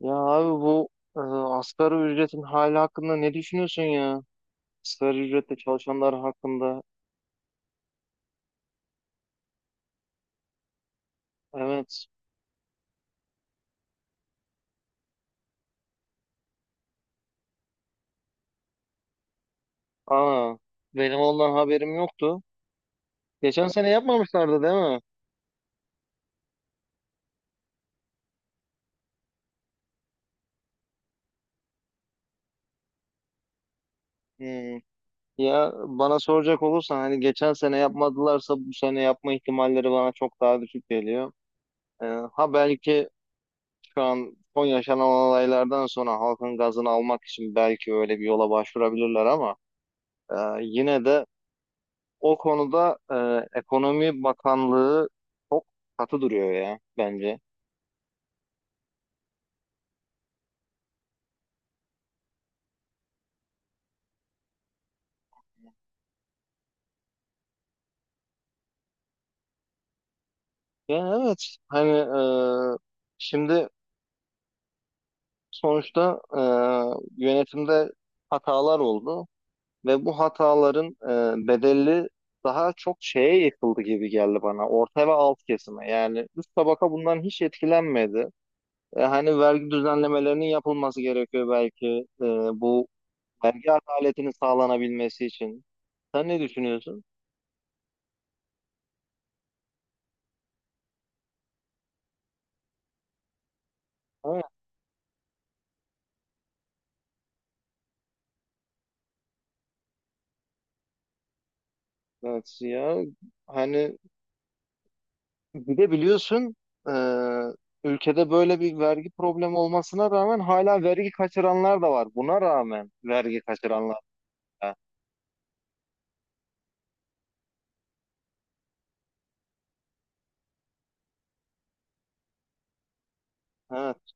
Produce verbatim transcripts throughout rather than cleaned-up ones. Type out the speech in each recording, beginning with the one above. Ya abi bu e, asgari ücretin hali hakkında ne düşünüyorsun ya? Asgari ücretle çalışanlar hakkında. Evet. Aa, benim ondan haberim yoktu. Geçen sene yapmamışlardı değil mi? Hmm. Ya bana soracak olursan hani geçen sene yapmadılarsa bu sene yapma ihtimalleri bana çok daha düşük geliyor. E, ha belki şu an son yaşanan olaylardan sonra halkın gazını almak için belki öyle bir yola başvurabilirler ama e, yine de o konuda e, Ekonomi Bakanlığı çok katı duruyor ya bence. Yani evet, hani, e, şimdi sonuçta e, yönetimde hatalar oldu ve bu hataların e, bedeli daha çok şeye yıkıldı gibi geldi bana. Orta ve alt kesime, yani üst tabaka bundan hiç etkilenmedi. E, hani vergi düzenlemelerinin yapılması gerekiyor belki, e, bu vergi adaletinin sağlanabilmesi için. Sen ne düşünüyorsun? Evet ya? Hani bir de biliyorsun, e, ülkede böyle bir vergi problemi olmasına rağmen hala vergi kaçıranlar da var. Buna rağmen vergi kaçıranlar da. Evet.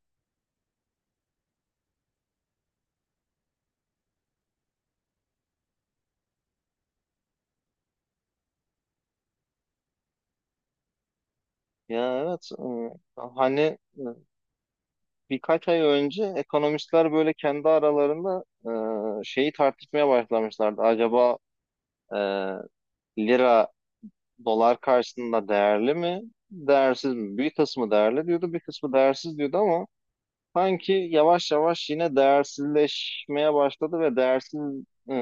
Ya evet. E, hani, e, birkaç ay önce ekonomistler böyle kendi aralarında e, şeyi tartışmaya başlamışlardı. Acaba e, lira dolar karşısında değerli mi? Değersiz mi? Bir kısmı değerli diyordu, bir kısmı değersiz diyordu ama sanki yavaş yavaş yine değersizleşmeye başladı ve değersiz e,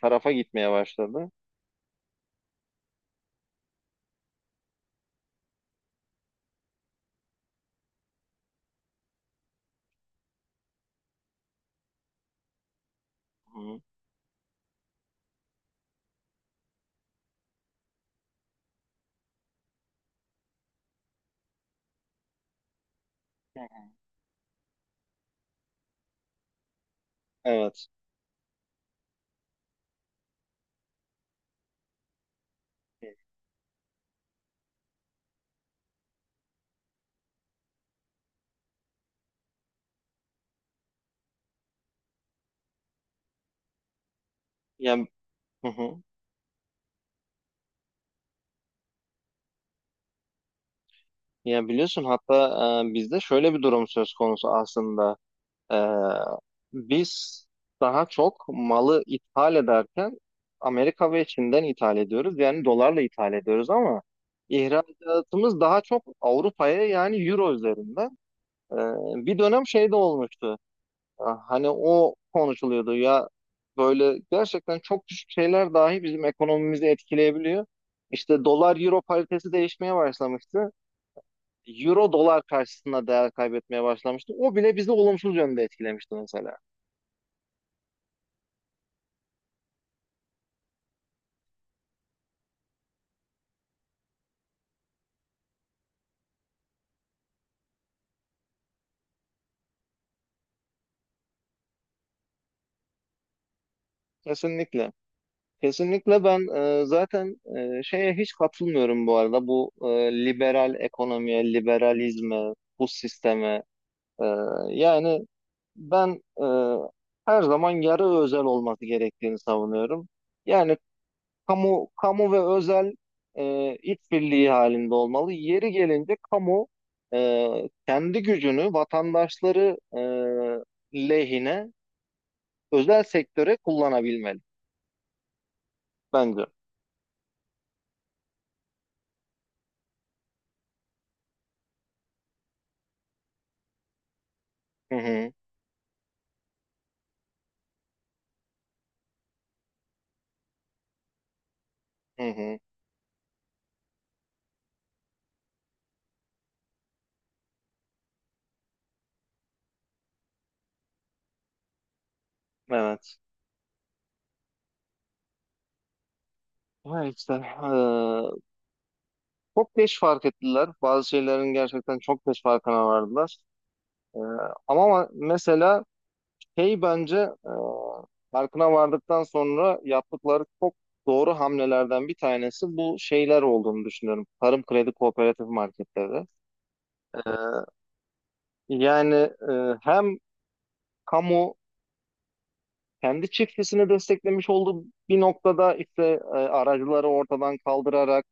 tarafa gitmeye başladı. Hı. Evet. Ya, hı hı. Ya biliyorsun, hatta e, bizde şöyle bir durum söz konusu aslında. E, Biz daha çok malı ithal ederken Amerika ve Çin'den ithal ediyoruz. Yani dolarla ithal ediyoruz ama ihracatımız daha çok Avrupa'ya, yani Euro üzerinden. E, Bir dönem şey de olmuştu. Ah, Hani o konuşuluyordu ya, böyle gerçekten çok küçük şeyler dahi bizim ekonomimizi etkileyebiliyor. İşte dolar euro paritesi değişmeye başlamıştı. Euro dolar karşısında değer kaybetmeye başlamıştı. O bile bizi olumsuz yönde etkilemişti mesela. Kesinlikle. Kesinlikle ben e, zaten e, şeye hiç katılmıyorum bu arada. Bu e, liberal ekonomiye, liberalizme, bu sisteme. E, yani Ben e, her zaman yarı özel olması gerektiğini savunuyorum. Yani kamu kamu ve özel e, işbirliği halinde olmalı. Yeri gelince kamu e, kendi gücünü vatandaşları e, lehine özel sektöre kullanabilmeli bence. Hı hı, hı hı, evet. Ha işte, e, çok geç fark ettiler. Bazı şeylerin gerçekten çok geç farkına vardılar. E, Ama mesela, hey, bence e, farkına vardıktan sonra yaptıkları çok doğru hamlelerden bir tanesi bu şeyler olduğunu düşünüyorum. Tarım kredi kooperatif marketleri. E, yani e, Hem kamu kendi çiftçisini desteklemiş olduğu bir noktada, işte e, aracıları ortadan kaldırarak,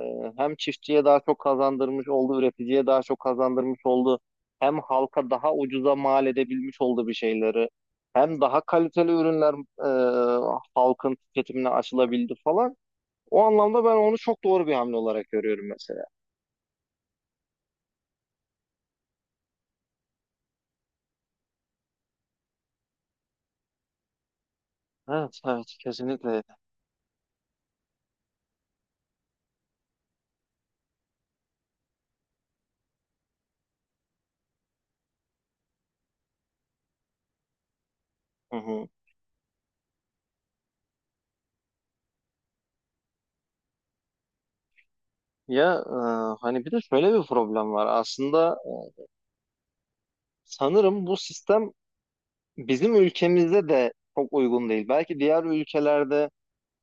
Ee, hem çiftçiye daha çok kazandırmış oldu, üreticiye daha çok kazandırmış oldu. Hem halka daha ucuza mal edebilmiş oldu bir şeyleri. Hem daha kaliteli ürünler e, halkın tüketimine açılabildi falan. O anlamda ben onu çok doğru bir hamle olarak görüyorum mesela. Evet, evet, kesinlikle. Hı hı. Ya e, hani bir de şöyle bir problem var. Aslında sanırım bu sistem bizim ülkemizde de çok uygun değil. Belki diğer ülkelerde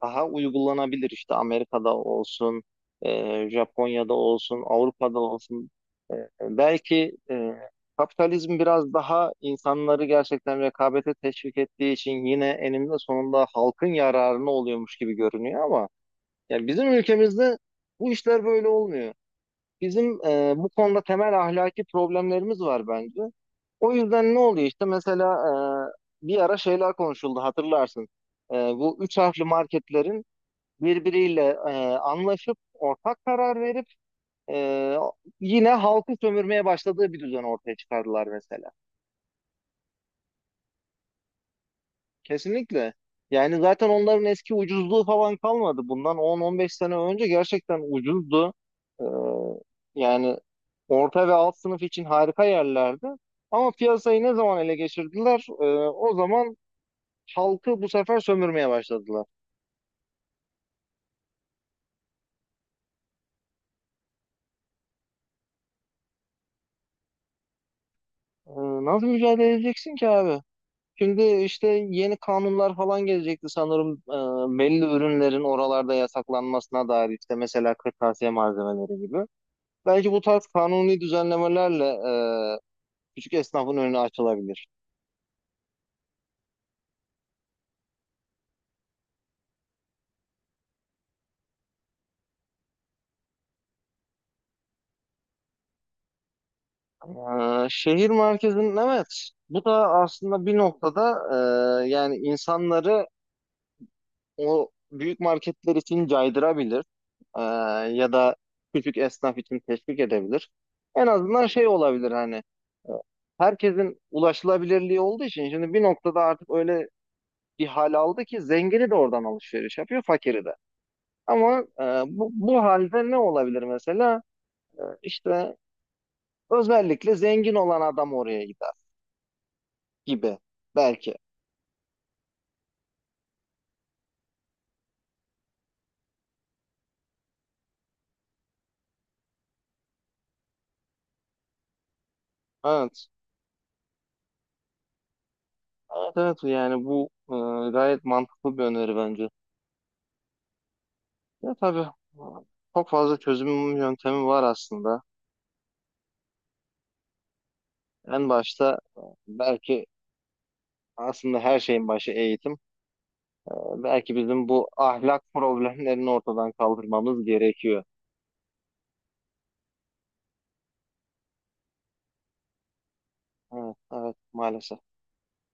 daha uygulanabilir, işte Amerika'da olsun, e, Japonya'da olsun, Avrupa'da olsun. E, Belki e, kapitalizm biraz daha insanları gerçekten rekabete teşvik ettiği için yine eninde sonunda halkın yararına oluyormuş gibi görünüyor ama yani bizim ülkemizde bu işler böyle olmuyor. Bizim, e, bu konuda temel ahlaki problemlerimiz var bence. O yüzden ne oluyor işte mesela, e, bir ara şeyler konuşuldu hatırlarsın. E, bu üç harfli marketlerin birbiriyle e, anlaşıp ortak karar verip e, yine halkı sömürmeye başladığı bir düzen ortaya çıkardılar mesela. Kesinlikle. Yani zaten onların eski ucuzluğu falan kalmadı. Bundan on on beş sene önce gerçekten ucuzdu. E, Yani orta ve alt sınıf için harika yerlerdi. Ama piyasayı ne zaman ele geçirdiler? E, o zaman halkı bu sefer sömürmeye başladılar. E, nasıl mücadele edeceksin ki abi? Şimdi işte yeni kanunlar falan gelecekti sanırım, e, belli ürünlerin oralarda yasaklanmasına dair, işte mesela kırtasiye malzemeleri gibi. Belki bu tarz kanuni düzenlemelerle e, küçük esnafın önü açılabilir. E, şehir merkezinin, evet, bu da aslında bir noktada e, yani insanları o büyük marketler için caydırabilir. Ee, Ya da küçük esnaf için teşvik edebilir. En azından şey olabilir, hani e, herkesin ulaşılabilirliği olduğu için şimdi bir noktada artık öyle bir hal aldı ki zengini de oradan alışveriş yapıyor, fakiri de. Ama e, bu, bu halde ne olabilir mesela? E, işte özellikle zengin olan adam oraya gider gibi belki. Evet. Evet, evet, yani bu e, gayet mantıklı bir öneri bence. Ya tabii çok fazla çözüm yöntemi var aslında. En başta e, belki aslında her şeyin başı eğitim. E, Belki bizim bu ahlak problemlerini ortadan kaldırmamız gerekiyor. Evet, evet maalesef.